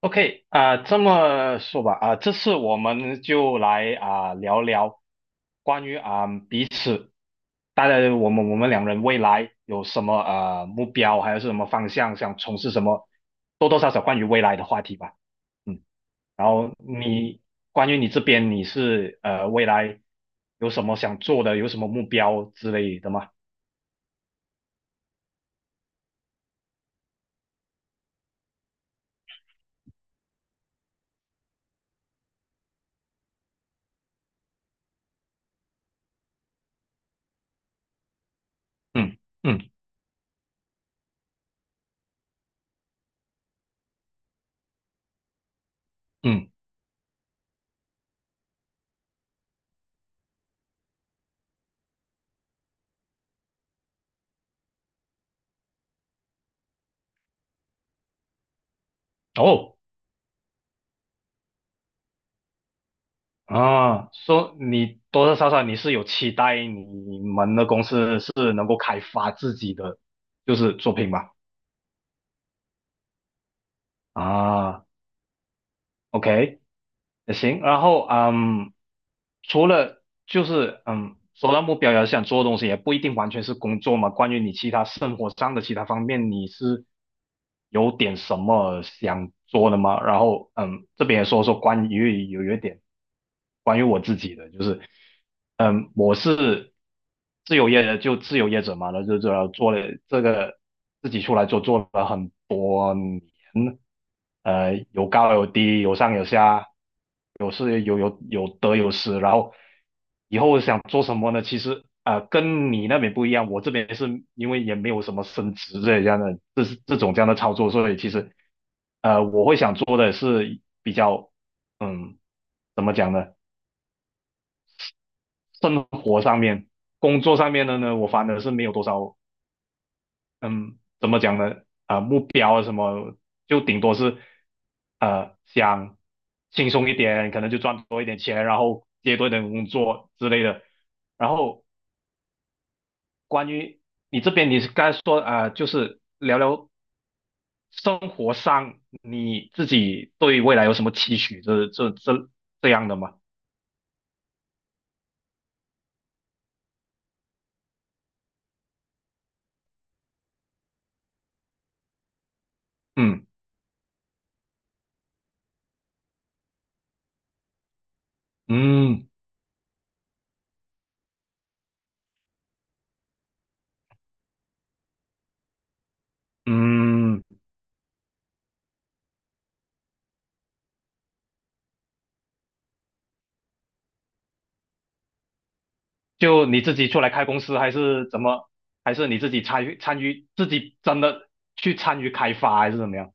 OK 啊、这么说吧啊、这次我们就来啊、聊聊关于啊、彼此，大家我们两人未来有什么啊、目标，还有是什么方向，想从事什么，多多少少关于未来的话题吧。嗯，然后你关于你这边你是未来有什么想做的，有什么目标之类的吗？嗯嗯嗯，哦。啊，说你多多少少你是有期待你们的公司是能够开发自己的就是作品吧？啊，OK，也行。然后嗯，除了就是嗯，说到目标要想做的东西，也不一定完全是工作嘛。关于你其他生活上的其他方面，你是有点什么想做的吗？然后嗯，这边也说说关于有一点关于我自己的，就是嗯，我是自由业的，就自由业者嘛，然后就主要做了这个自己出来做，做了很多年嗯，有高有低，有上有下，有得有失，然后以后想做什么呢？其实啊、跟你那边不一样，我这边是因为也没有什么升职这样的，这是这种这样的操作，所以其实我会想做的是比较嗯，怎么讲呢？生活上面、工作上面的呢，我反而是没有多少嗯，怎么讲呢？啊、目标啊什么，就顶多是想轻松一点，可能就赚多一点钱，然后接多一点工作之类的。然后关于你这边，你是刚才说啊、就是聊聊生活上你自己对未来有什么期许，这样的吗？嗯嗯嗯。就你自己出来开公司，还是怎么？还是你自己参与参与，自己真的去参与开发，还是怎么样？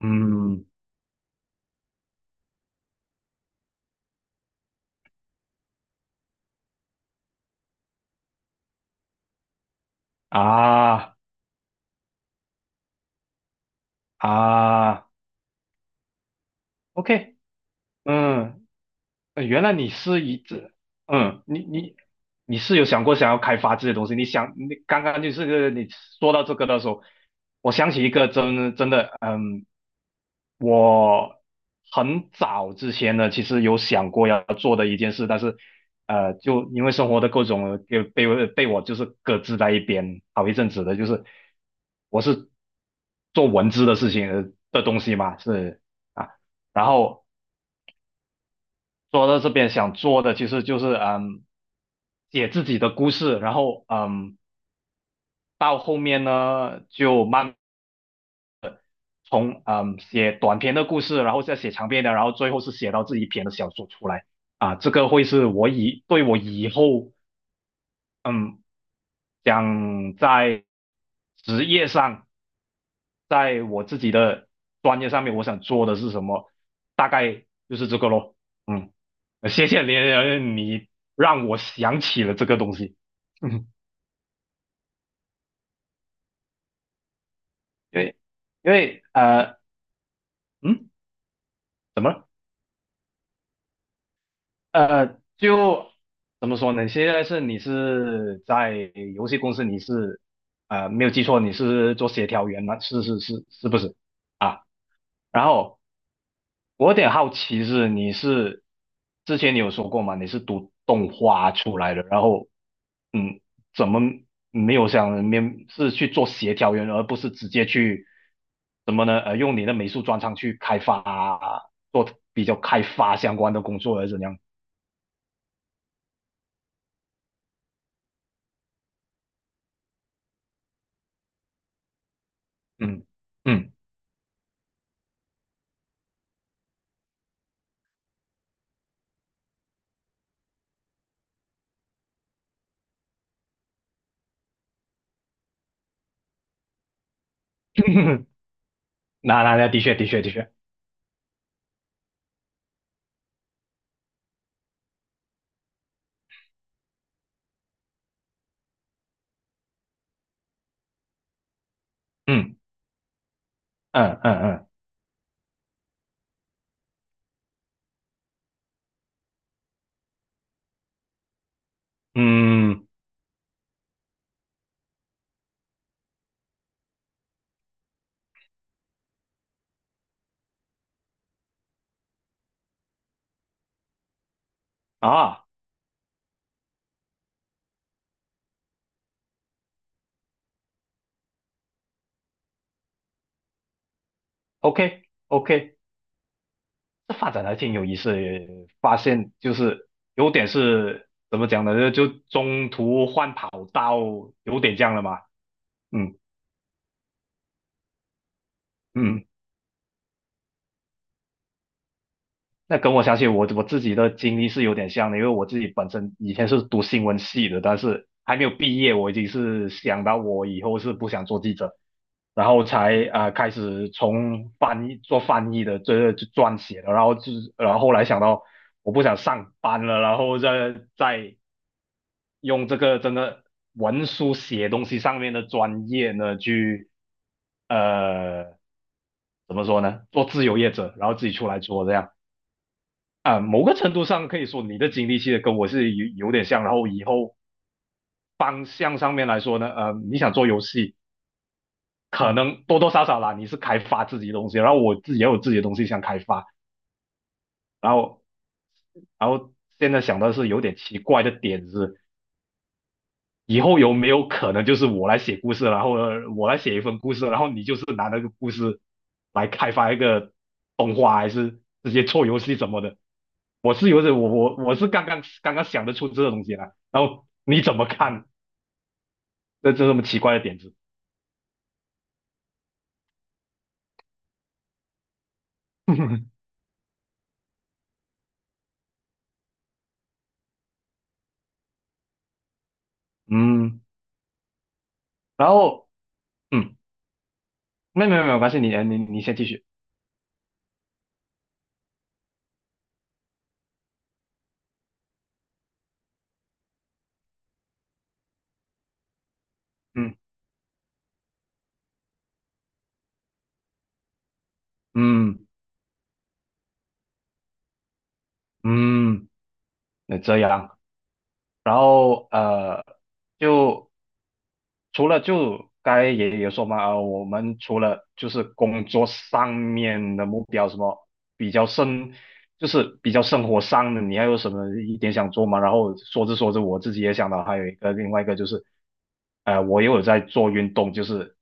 嗯啊啊，OK，嗯，原来你是一直，嗯，你是有想过想要开发这些东西？你想，你刚刚就是个你说到这个的时候，我想起一个真的，嗯，我很早之前呢，其实有想过要做的一件事，但是就因为生活的各种给被我就是搁置在一边好一阵子的，就是我是做文字的事情的东西嘛，是啊，然后做到这边想做的其实就是嗯，写自己的故事，然后嗯，到后面呢就慢。从嗯写短篇的故事，然后再写长篇的，然后最后是写到自己篇的小说出来啊，这个会是我以对我以后嗯想在职业上，在我自己的专业上面，我想做的是什么，大概就是这个咯。嗯，谢谢你，你让我想起了这个东西。嗯，对，因为嗯，怎么了就怎么说呢？现在是你是在游戏公司，你是没有记错，你是做协调员吗？是是是，是不是啊？然后我有点好奇是你是之前你有说过嘛？你是读动画出来的，然后嗯，怎么没有想面是去做协调员，而不是直接去怎么呢？用你的美术专长去开发，做比较开发相关的工作，还是怎样？嗯嗯。那那那的确的确的确，嗯嗯嗯嗯嗯啊，OK OK，这发展还挺有意思的也发现就是有点是怎么讲呢，就中途换跑道，有点这样了嘛，嗯嗯。那跟我想起我自己的经历是有点像的，因为我自己本身以前是读新闻系的，但是还没有毕业，我已经是想到我以后是不想做记者，然后才啊、开始从翻译做翻译的这就撰写的，然后就是然后后来想到我不想上班了，然后再用这个真的文书写东西上面的专业呢去呃怎么说呢做自由业者，然后自己出来做这样。啊、某个程度上可以说你的经历其实跟我是有点像，然后以后方向上面来说呢，你想做游戏，可能多多少少啦，你是开发自己的东西，然后我自己也有自己的东西想开发，然后然后现在想到是有点奇怪的点子，以后有没有可能就是我来写故事，然后我来写一份故事，然后你就是拿那个故事来开发一个动画，还是直接做游戏什么的？我是有点，我是刚刚想得出这个东西来，然后你怎么看这么奇怪的点子？嗯，然后嗯，没有关系，你先继续，嗯嗯嗯，那这样。然后就除了就刚才也也说嘛，我们除了就是工作上面的目标，什么比较生，就是比较生活上的，你还有什么一点想做吗？然后说着说着，我自己也想到还有一个另外一个就是，我也有在做运动，就是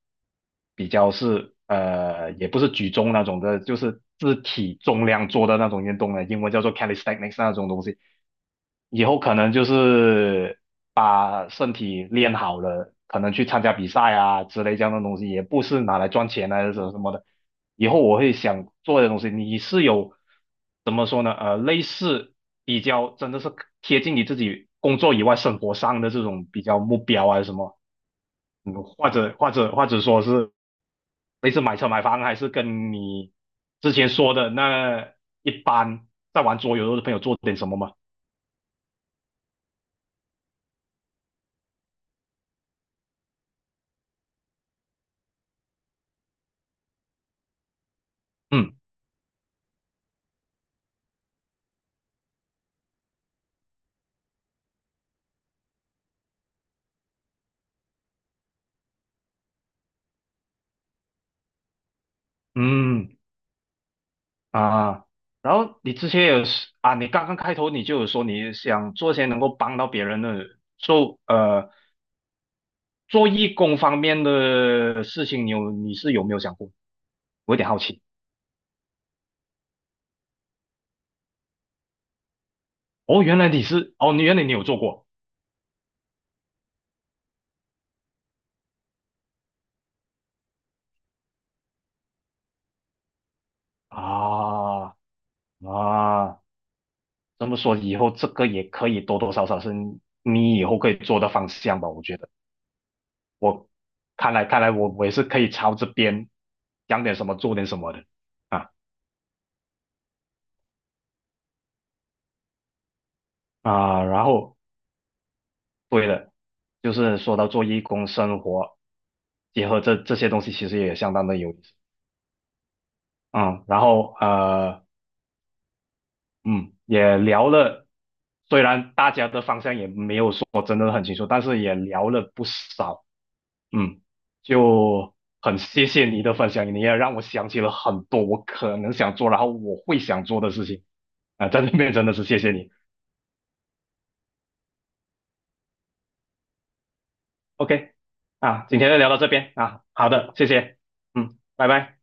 比较是也不是举重那种的，就是自体重量做的那种运动呢，英文叫做 calisthenics 那种东西。以后可能就是把身体练好了，可能去参加比赛啊之类这样的东西，也不是拿来赚钱啊什么什么的。以后我会想做的东西，你是有怎么说呢？类似比较真的是贴近你自己工作以外生活上的这种比较目标啊什么，嗯，或者说是类似买车买房，还是跟你之前说的那一般在玩桌游的朋友做点什么吗？嗯嗯。啊，然后你之前有是啊，你刚刚开头你就有说你想做些能够帮到别人的，做呃做义工方面的事情，你有你是有没有想过？我有点好奇。哦，原来你是哦，你原来你有做过啊啊，这么说以后这个也可以多多少少是你以后可以做的方向吧？我觉得我看来我也是可以朝这边讲点什么做点什么的。啊啊，然后对的，就是说到做义工生活，结合这些东西，其实也相当的有意思。嗯，然后嗯，也聊了，虽然大家的方向也没有说真的很清楚，但是也聊了不少。嗯，就很谢谢你的分享，你也让我想起了很多我可能想做，然后我会想做的事情。啊、在这边真的是谢谢你。OK，啊，今天就聊到这边啊，好的，谢谢，嗯，拜拜。